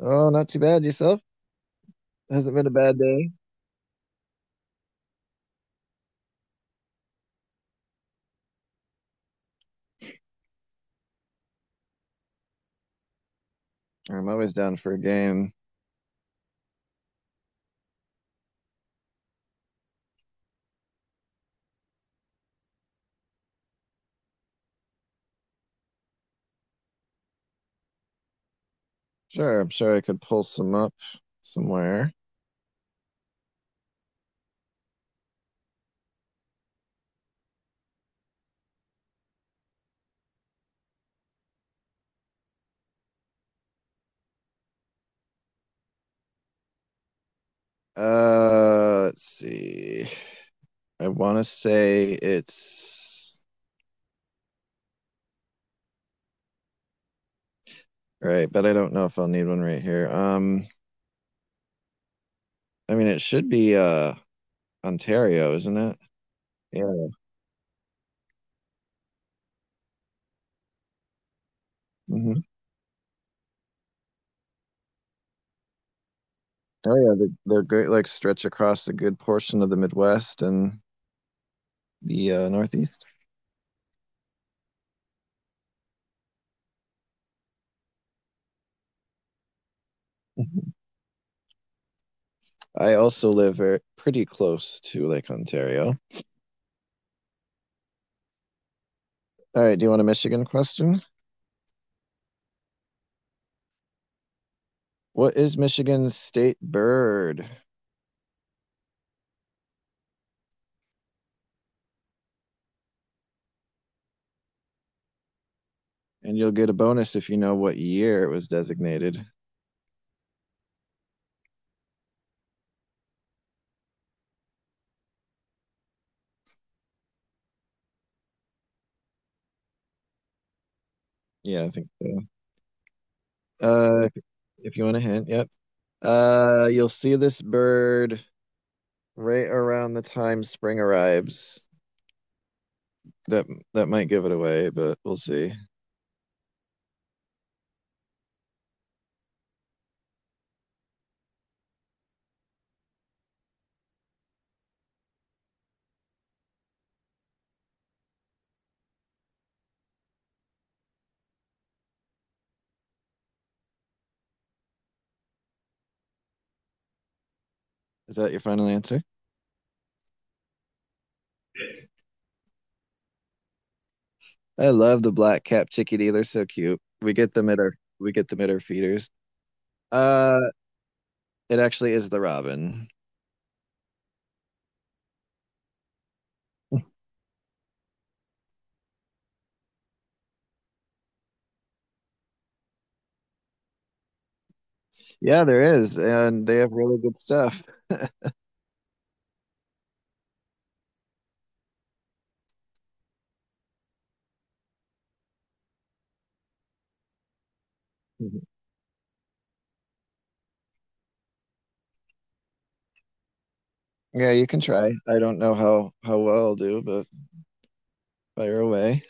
Oh, not too bad yourself. Hasn't been a bad day. I'm always down for a game. Sure, I'm sure I could pull some up somewhere. Let's see. I want to say it's right, but I don't know if I'll need one right here. I mean, it should be Ontario, isn't it? Yeah. hmm Oh yeah, they're great. Like stretch across a good portion of the Midwest and the Northeast. Mhm. I also live pretty close to Lake Ontario. All right, do you want a Michigan question? What is Michigan's state bird? And you'll get a bonus if you know what year it was designated. Yeah, I think so. Uh, if you want a hint, yep. You'll see this bird right around the time spring arrives. That that might give it away, but we'll see. Is that your final answer? I love the black cap chickadee. They're so cute. We get them at our feeders. Uh, it actually is the robin. Yeah, there is, and they have really good stuff. Mhm. Yeah, you can try. I don't know how well I'll do, but fire away.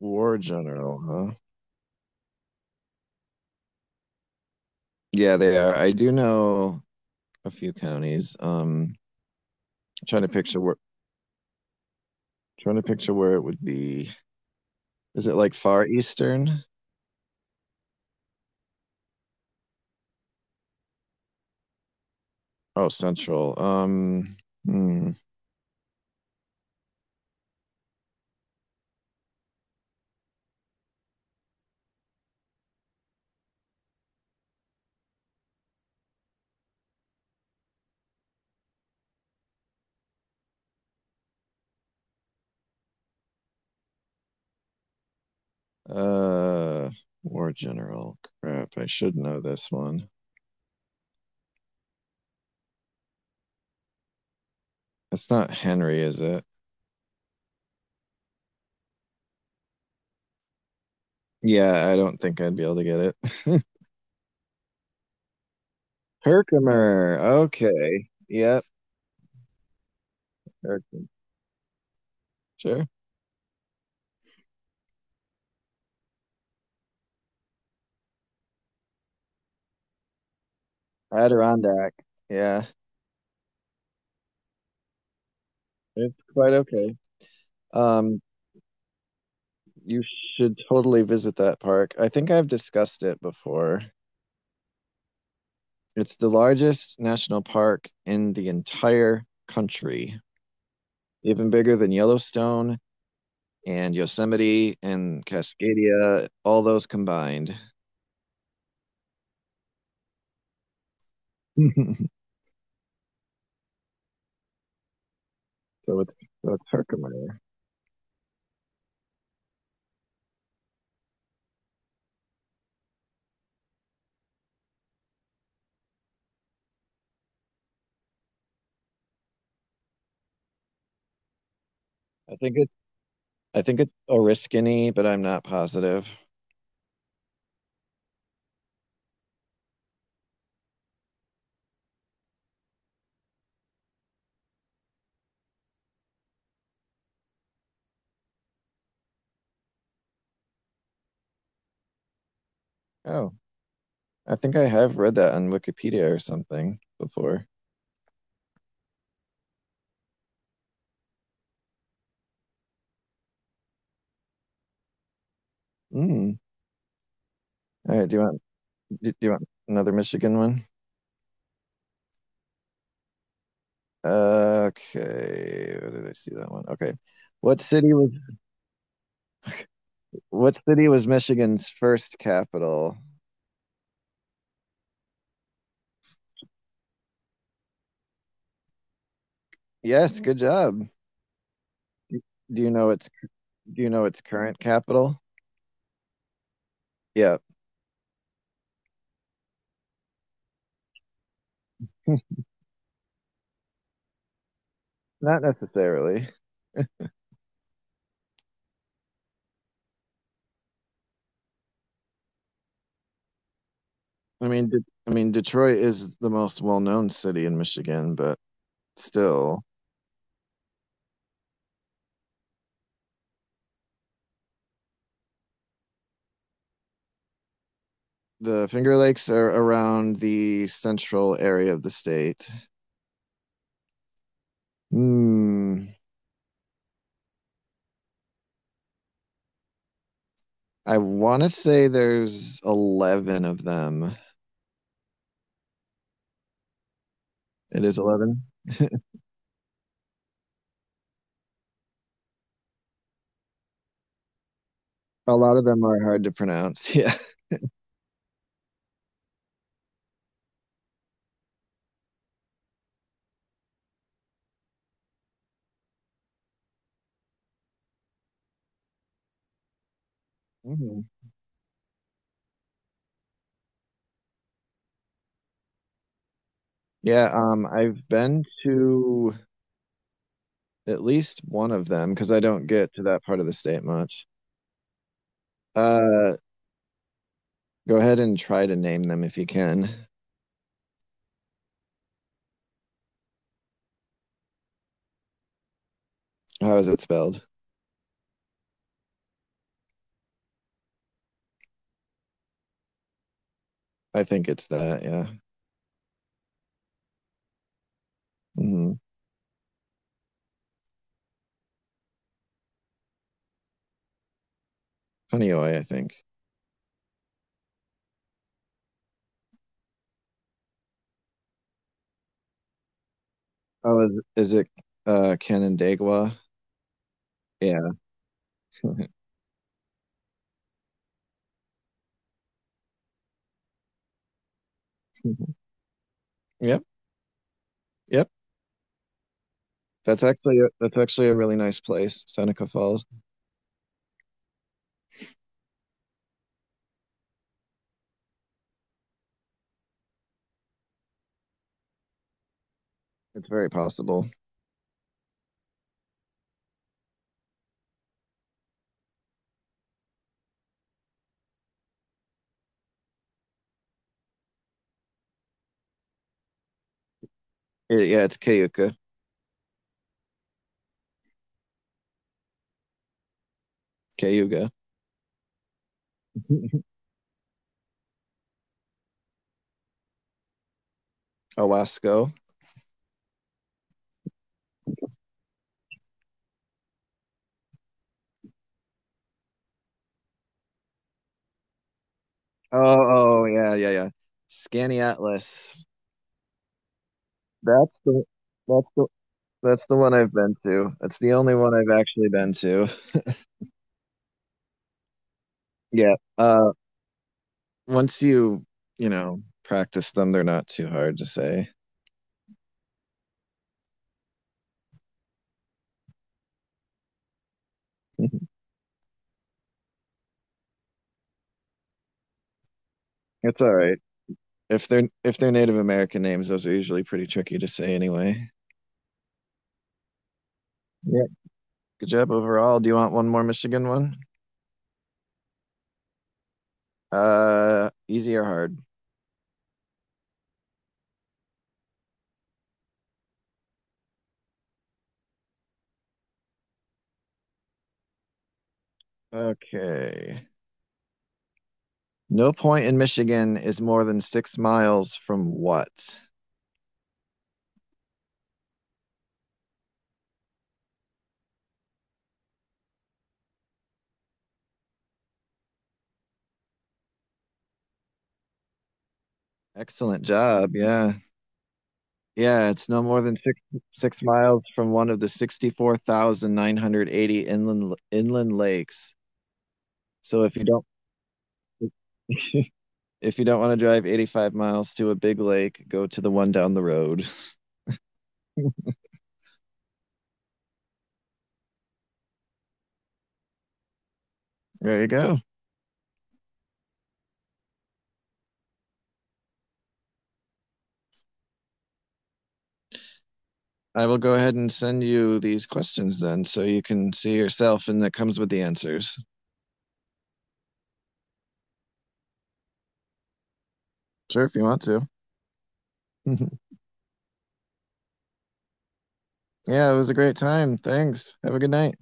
War general, huh? Yeah, they are. I do know a few counties. Trying to picture where trying to picture where it would be. Is it like far eastern? Oh, central. Hmm. Uh, War general. Crap, I should know this one. It's not Henry, is it? Yeah, I don't think I'd be able to get it. Herkimer. Okay. Yep. Herkimer. Sure. Adirondack. Yeah, it's quite okay. Um, you should totally visit that park. I think I've discussed it before. It's the largest national park in the entire country, even bigger than Yellowstone and Yosemite and Cascadia, all those combined. So it's so it's Herkimer. I think it I think it's Oriskany, but I'm not positive. Oh, I think I have read that on Wikipedia or something before. Mm. All right, Do you want another Michigan one? Okay, where did I see that one? Okay. What city was what city was Michigan's first capital? Yes, good job. Do you know its do you know its current capital? Yeah, not necessarily. I mean Detroit is the most well-known city in Michigan, but still, the Finger Lakes are around the central area of the state. Hmm. I want to say there's 11 of them. It is 11. A lot of them are hard to pronounce. Yeah. Mhm. Yeah, I've been to at least one of them because I don't get to that part of the state much. Uh, Go ahead and try to name them if you can. How is it spelled? I think it's that, yeah. Mm-hmm. Honeoy, I think. Oh, is it Canandaigua? Yeah. Yep, yep. That's actually a really nice place, Seneca Falls. It's very possible. Yeah, it's Cayuga. Cayuga. Owasco. Oh, oh yeah, yeah, yeah. Scanny Atlas. That's the that's the that's the one I've been to. That's the only one I've actually been to. Yeah. Once you practice them, they're not too hard to say. It's all right. If they're Native American names, those are usually pretty tricky to say anyway. Yeah. Good job overall. Do you want one more Michigan one? Easy or hard? Okay. No point in Michigan is more than 6 miles from what? Excellent job. Yeah. Yeah, it's no more than six miles from one of the 64,980 inland lakes. So if you don't if you don't want to drive 85 miles to a big lake, go to the one down the road. There you go. I will go ahead and send you these questions then so you can see yourself and that comes with the answers. Sure, if you want to. Yeah, it was a great time. Thanks. Have a good night.